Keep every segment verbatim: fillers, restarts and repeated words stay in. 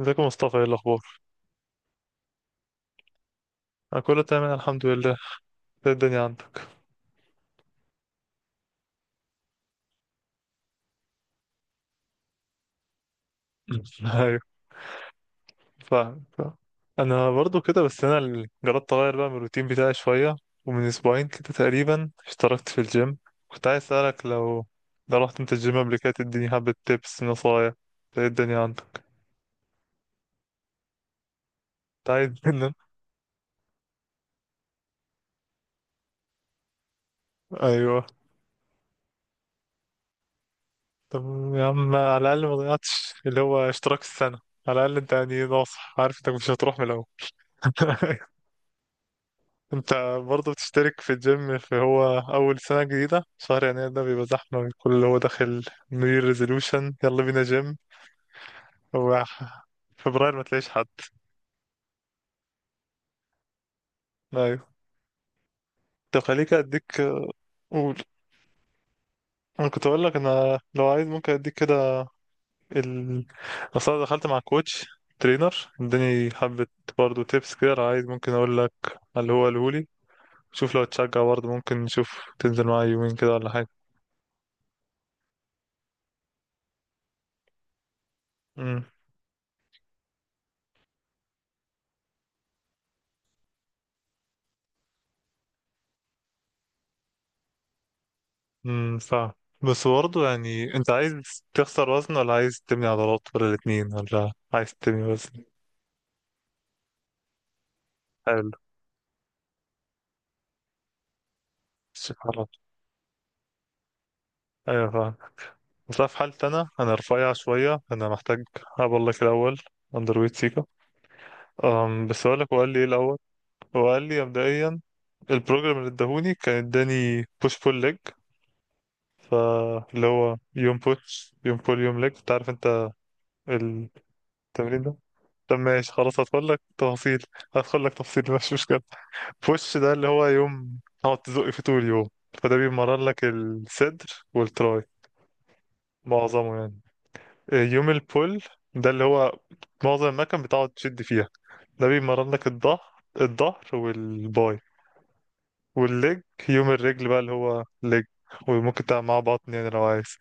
ازيك يا مصطفى؟ ايه الاخبار؟ انا كله تمام الحمد لله. ايه الدنيا عندك؟ ايوه، فاهم فاهم. انا برضو كده، بس انا اللي جربت اغير بقى من الروتين بتاعي شويه. ومن اسبوعين كده تقريبا اشتركت في الجيم. كنت عايز اسالك لو لو رحت انت الجيم قبل كده تديني حبه تيبس نصايح. ايه الدنيا عندك؟ كنت عايز منك. ايوه، طب يا عم، على الاقل ما ضيعتش اللي هو اشتراك السنه. على الاقل انت يعني ناصح، عارف انك مش هتروح من الاول. انت برضه بتشترك في الجيم في، هو اول سنة جديدة شهر يناير ده بيبقى زحمة، الكل اللي هو داخل نيو يير ريزولوشن يلا بينا جيم. هو فبراير ما تلاقيش حد. ايوه، طب خليك اديك، قول. انا كنت اقول لك انا لو عايز ممكن اديك كده ال، أصل أنا دخلت مع كوتش، ترينر، اداني حبة برضه تيبس كده. لو عايز ممكن اقول لك اللي هو الهولي. شوف لو تشجع برضه ممكن نشوف تنزل معايا يومين كده ولا حاجة. امم ف بس برضه يعني انت عايز تخسر وزن ولا عايز تبني عضلات ولا الاتنين ولا عايز تبني وزن؟ حلو، مش حرام. ايوه فاهم. بس أنا في حالتي، انا انا رفيع شويه، انا محتاج اقول لك الاول، اندر ويت سيكا. أم بس اقول لك هو قال لي ايه الاول. هو قال لي مبدئيا البروجرام اللي اداهوني كان اداني بوش بول ليج. فاللي هو يوم بوش، يوم بول، يوم ليج. انت عارف انت التمرين ده. طب ماشي خلاص، هدخل لك تفاصيل. هدخل لك تفصيل، مش مشكله. بوش ده اللي هو يوم تقعد تزق فيه طول اليوم، فده بيمرن لك الصدر والتراي، معظمه يعني. آه، يوم البول ده اللي هو معظم المكان بتقعد تشد فيها، ده بيمرن لك الظهر، الظهر والباي. والليج، يوم الرجل بقى اللي هو ليج. وممكن تعمل معاه بطن يعني لو عايز،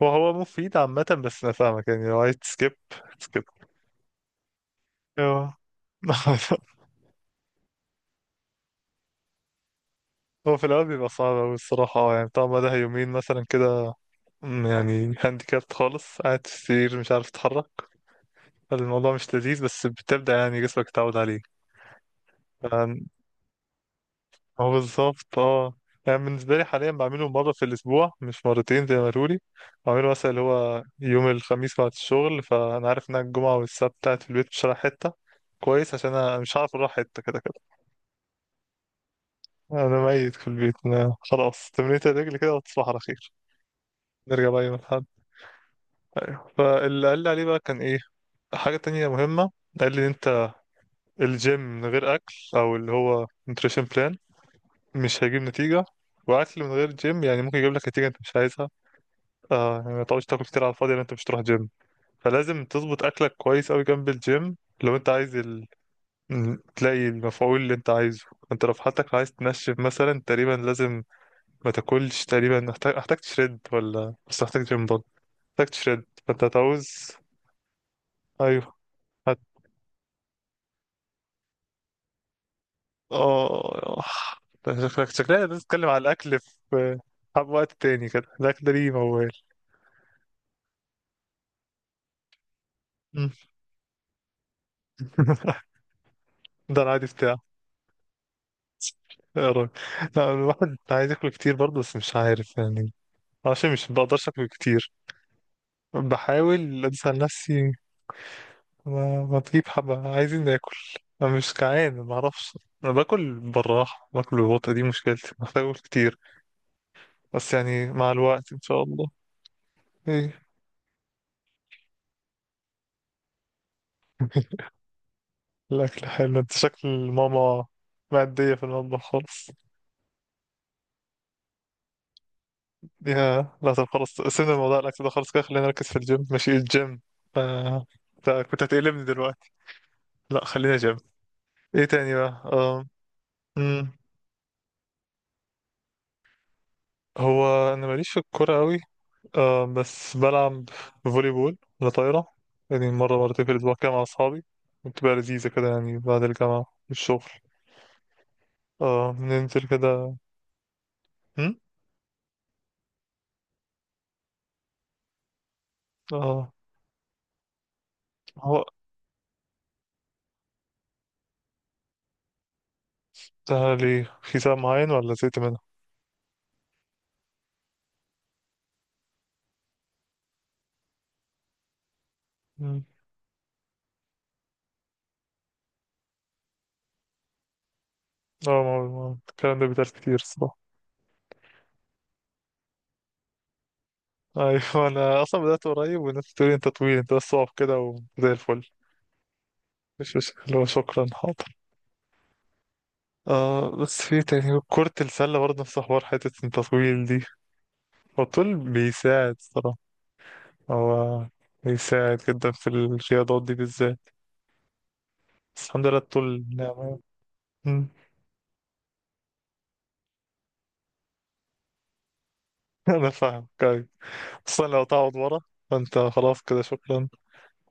وهو مفيد عامة. بس أنا فاهمك، يعني لو عايز تسكيب تسكيب. أيوه. هو في الأول بيبقى صعب أوي الصراحة، اه، يعني بتاع مدى يومين مثلا كده. أمم، يعني هانديكابت خالص قاعد في السرير مش عارف تتحرك. الموضوع مش لذيذ، بس بتبدأ يعني جسمك يتعود عليه. ف- هو بالظبط اه. يعني بالنسبة لي حاليا بعمله مرة في الأسبوع، مش مرتين زي ما قالولي. بعمله مثلا اللي هو يوم الخميس بعد الشغل، فأنا عارف إن أنا الجمعة والسبت قاعد في البيت مش رايح حتة، كويس عشان أنا مش عارف أروح حتة كده كده. أنا ميت في البيت، أنا خلاص تمرينة الرجل كده وتصبح على خير. نرجع بقى يوم الأحد. ايوه، فاللي قال لي عليه بقى كان ايه، حاجة تانية مهمة، قال لي إن انت الجيم من غير اكل او اللي هو نوتريشن بلان مش هيجيب نتيجة. واكل من غير جيم يعني ممكن يجيب لك نتيجة انت مش عايزها. آه يعني ما تقعدش تاكل كتير على الفاضي لان انت مش تروح جيم. فلازم تظبط اكلك كويس اوي جنب الجيم لو انت عايز ال... م- تلاقي المفعول اللي انت عايزه. انت لو في حالتك عايز تنشف مثلا تقريبا لازم ما تاكلش تقريبا. محتاج، محتاج تشرد ولا بس محتاج جيم برضه، محتاج تشرد. فانت هتعوز. ايوه، اه، آه. شكلك شكلنا لازم نتكلم على الاكل في، حب وقت تاني كده، الاكل ده ليه موال. مم. ده العادي بتاعه. يا راجل، لا الواحد عايز ياكل كتير برضه، بس مش عارف يعني، عشان مش بقدرش اكل كتير، بحاول انسى نفسي. ما, ما تجيب حبة عايزين ناكل. انا مش جعان ما اعرفش، انا باكل بالراحة، باكل ببطء، دي مشكلتي، محتاج اكل كتير. بس يعني مع الوقت ان شاء الله. ايه الأكل حلو، أنت شكل ماما مادية في المطبخ خالص. يا لا طب خلاص، سيبنا من موضوع الأكل ده خالص كده، خلينا نركز في الجيم. ماشي الجيم. ف... ف- كنت هتقلبني دلوقتي، لا خلينا جيم. إيه تاني بقى؟ أم... أم، هو أنا ماليش في الكورة أوي. أم... بس بلعب فولي بول ولا طايرة، يعني مرة مرتين في الأسبوع كده مع أصحابي. بتبقى لذيذة كده يعني بعد الجامعة والشغل أه ننزل كده. أم؟ أه، هو ده ليه؟ في ساعة معين ولا زهقت منها؟ اه، ما- ما- الكلام ده بيتقال كتير الصراحة. ايوه، انا اصلا بدأت قريب والناس بتقول لي انت طويل انت، بس اقف كده وزي الفل. مش، مش اللي هو شكرا حاضر. آه بس في إيه تاني، كرة السلة برضه نفس حوار حتة انت طويل دي. هو الطول بيساعد الصراحة. هو بيساعد جدا في الرياضات دي بالذات. بس الحمد لله الطول نعمة. مم. انا فاهم كويس. اصلا لو تقعد ورا فانت خلاص كده شكرا،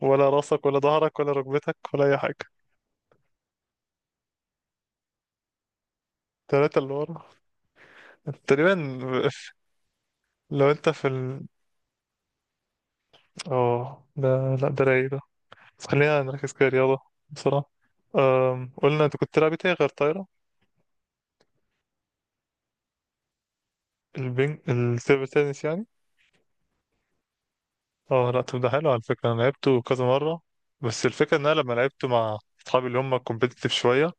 ولا راسك ولا ظهرك ولا ركبتك ولا اي حاجة. تلاتة اللي ورا، تقريبا. لو انت في ال، اه ده، لا ده رايق ده. بس خلينا نركز كده رياضة بسرعة. أم... قلنا انت كنت تلعب ايه تاني غير طايرة؟ البينج، التيبل تنس يعني. اه لا طب ده حلو على فكرة، انا لعبته كذا مرة. بس الفكرة ان انا لما لعبته مع اصحابي اللي هم كومبيتيتيف شوية،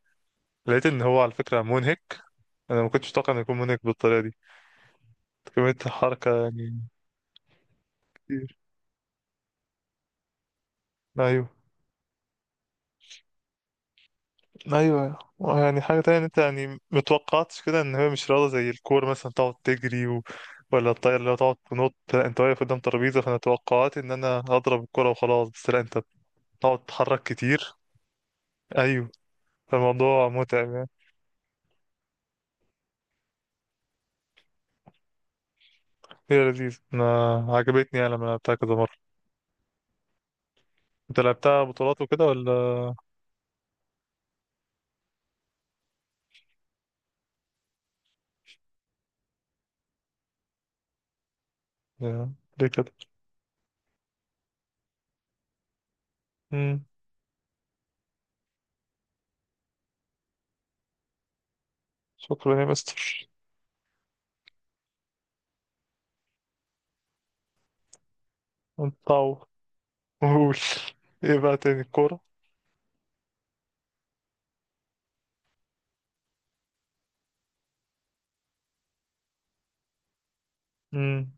لقيت ان هو على فكرة منهك. انا ما كنتش متوقع انه يكون منهك بالطريقة دي. كمية حركة يعني كتير. ايوه. ايوه يعني حاجه تانية، إن انت يعني متوقعتش كده ان هي مش رياضه زي الكوره مثلا تقعد تجري و... ولا الطايره اللي هو تقعد تنط. لا، انت واقف قدام ترابيزه، فانا توقعت ان انا هضرب الكوره وخلاص، بس لا انت بتقعد تتحرك كتير. ايوه، فالموضوع متعب يعني. هي لذيذ، انا عجبتني يعني لما لعبتها كذا مره. انت لعبتها بطولات وكده ولا؟ يا، ليه كده؟ امم، شكرا يا مستر. انت قول، ايه بقى تاني، الكوره؟ امم،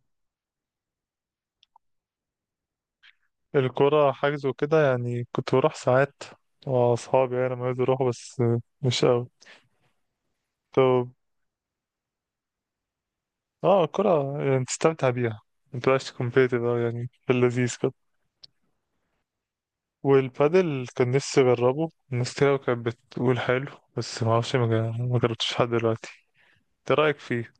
الكرة حجز وكده يعني، كنت بروح ساعات مع أصحابي يعني لما يقدروا يروحوا، بس مش أوي. طب اه الكرة يعني تستمتع بيها، متبقاش كومبيتيتيف أوي يعني، في اللذيذ كده. والبادل كان نفسي أجربه، الناس كتير أوي كانت بتقول حلو، بس معرفش ما جا- ما جربتش لحد دلوقتي. ايه رأيك فيه؟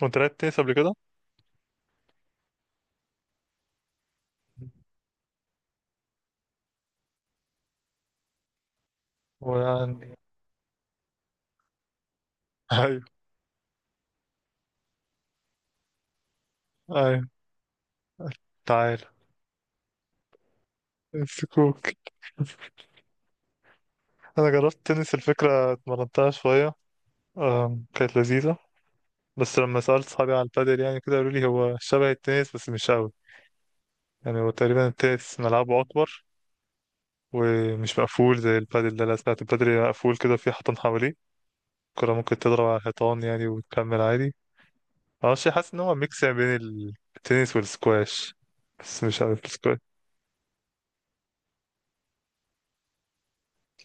كنت لعبت تنس قبل كده؟ ويعني. أيوه، أيوه. تعالى السكوك، أنا جربت تنس الفكرة اتمرنتها شوية. آم، كانت لذيذة. بس لما سألت صحابي على البادل يعني كده، قالوا لي هو شبه التنس بس مش قوي. يعني هو تقريبا التنس ملعبه أكبر، ومش مقفول زي البادل ده. لا سمعت البادل مقفول كده في حيطان حواليه، الكرة ممكن تضرب على الحيطان يعني وتكمل عادي. معرفش، حاسس إن هو ميكس يعني بين التنس والسكواش، بس مش عارف السكواش.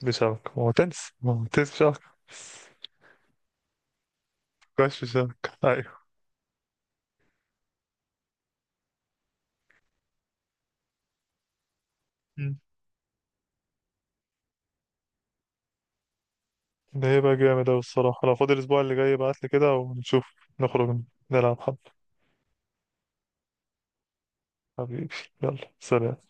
مش شبكة، هو تنس، هو تنس بشبكة بس. سكواش بشبكة، أيوه. مم. ده هيبقى جامد أوي الصراحة، لو فاضي الأسبوع اللي جاي ابعتلي كده ونشوف. نخرج نلعب حب. حبيبي، يلا سلام.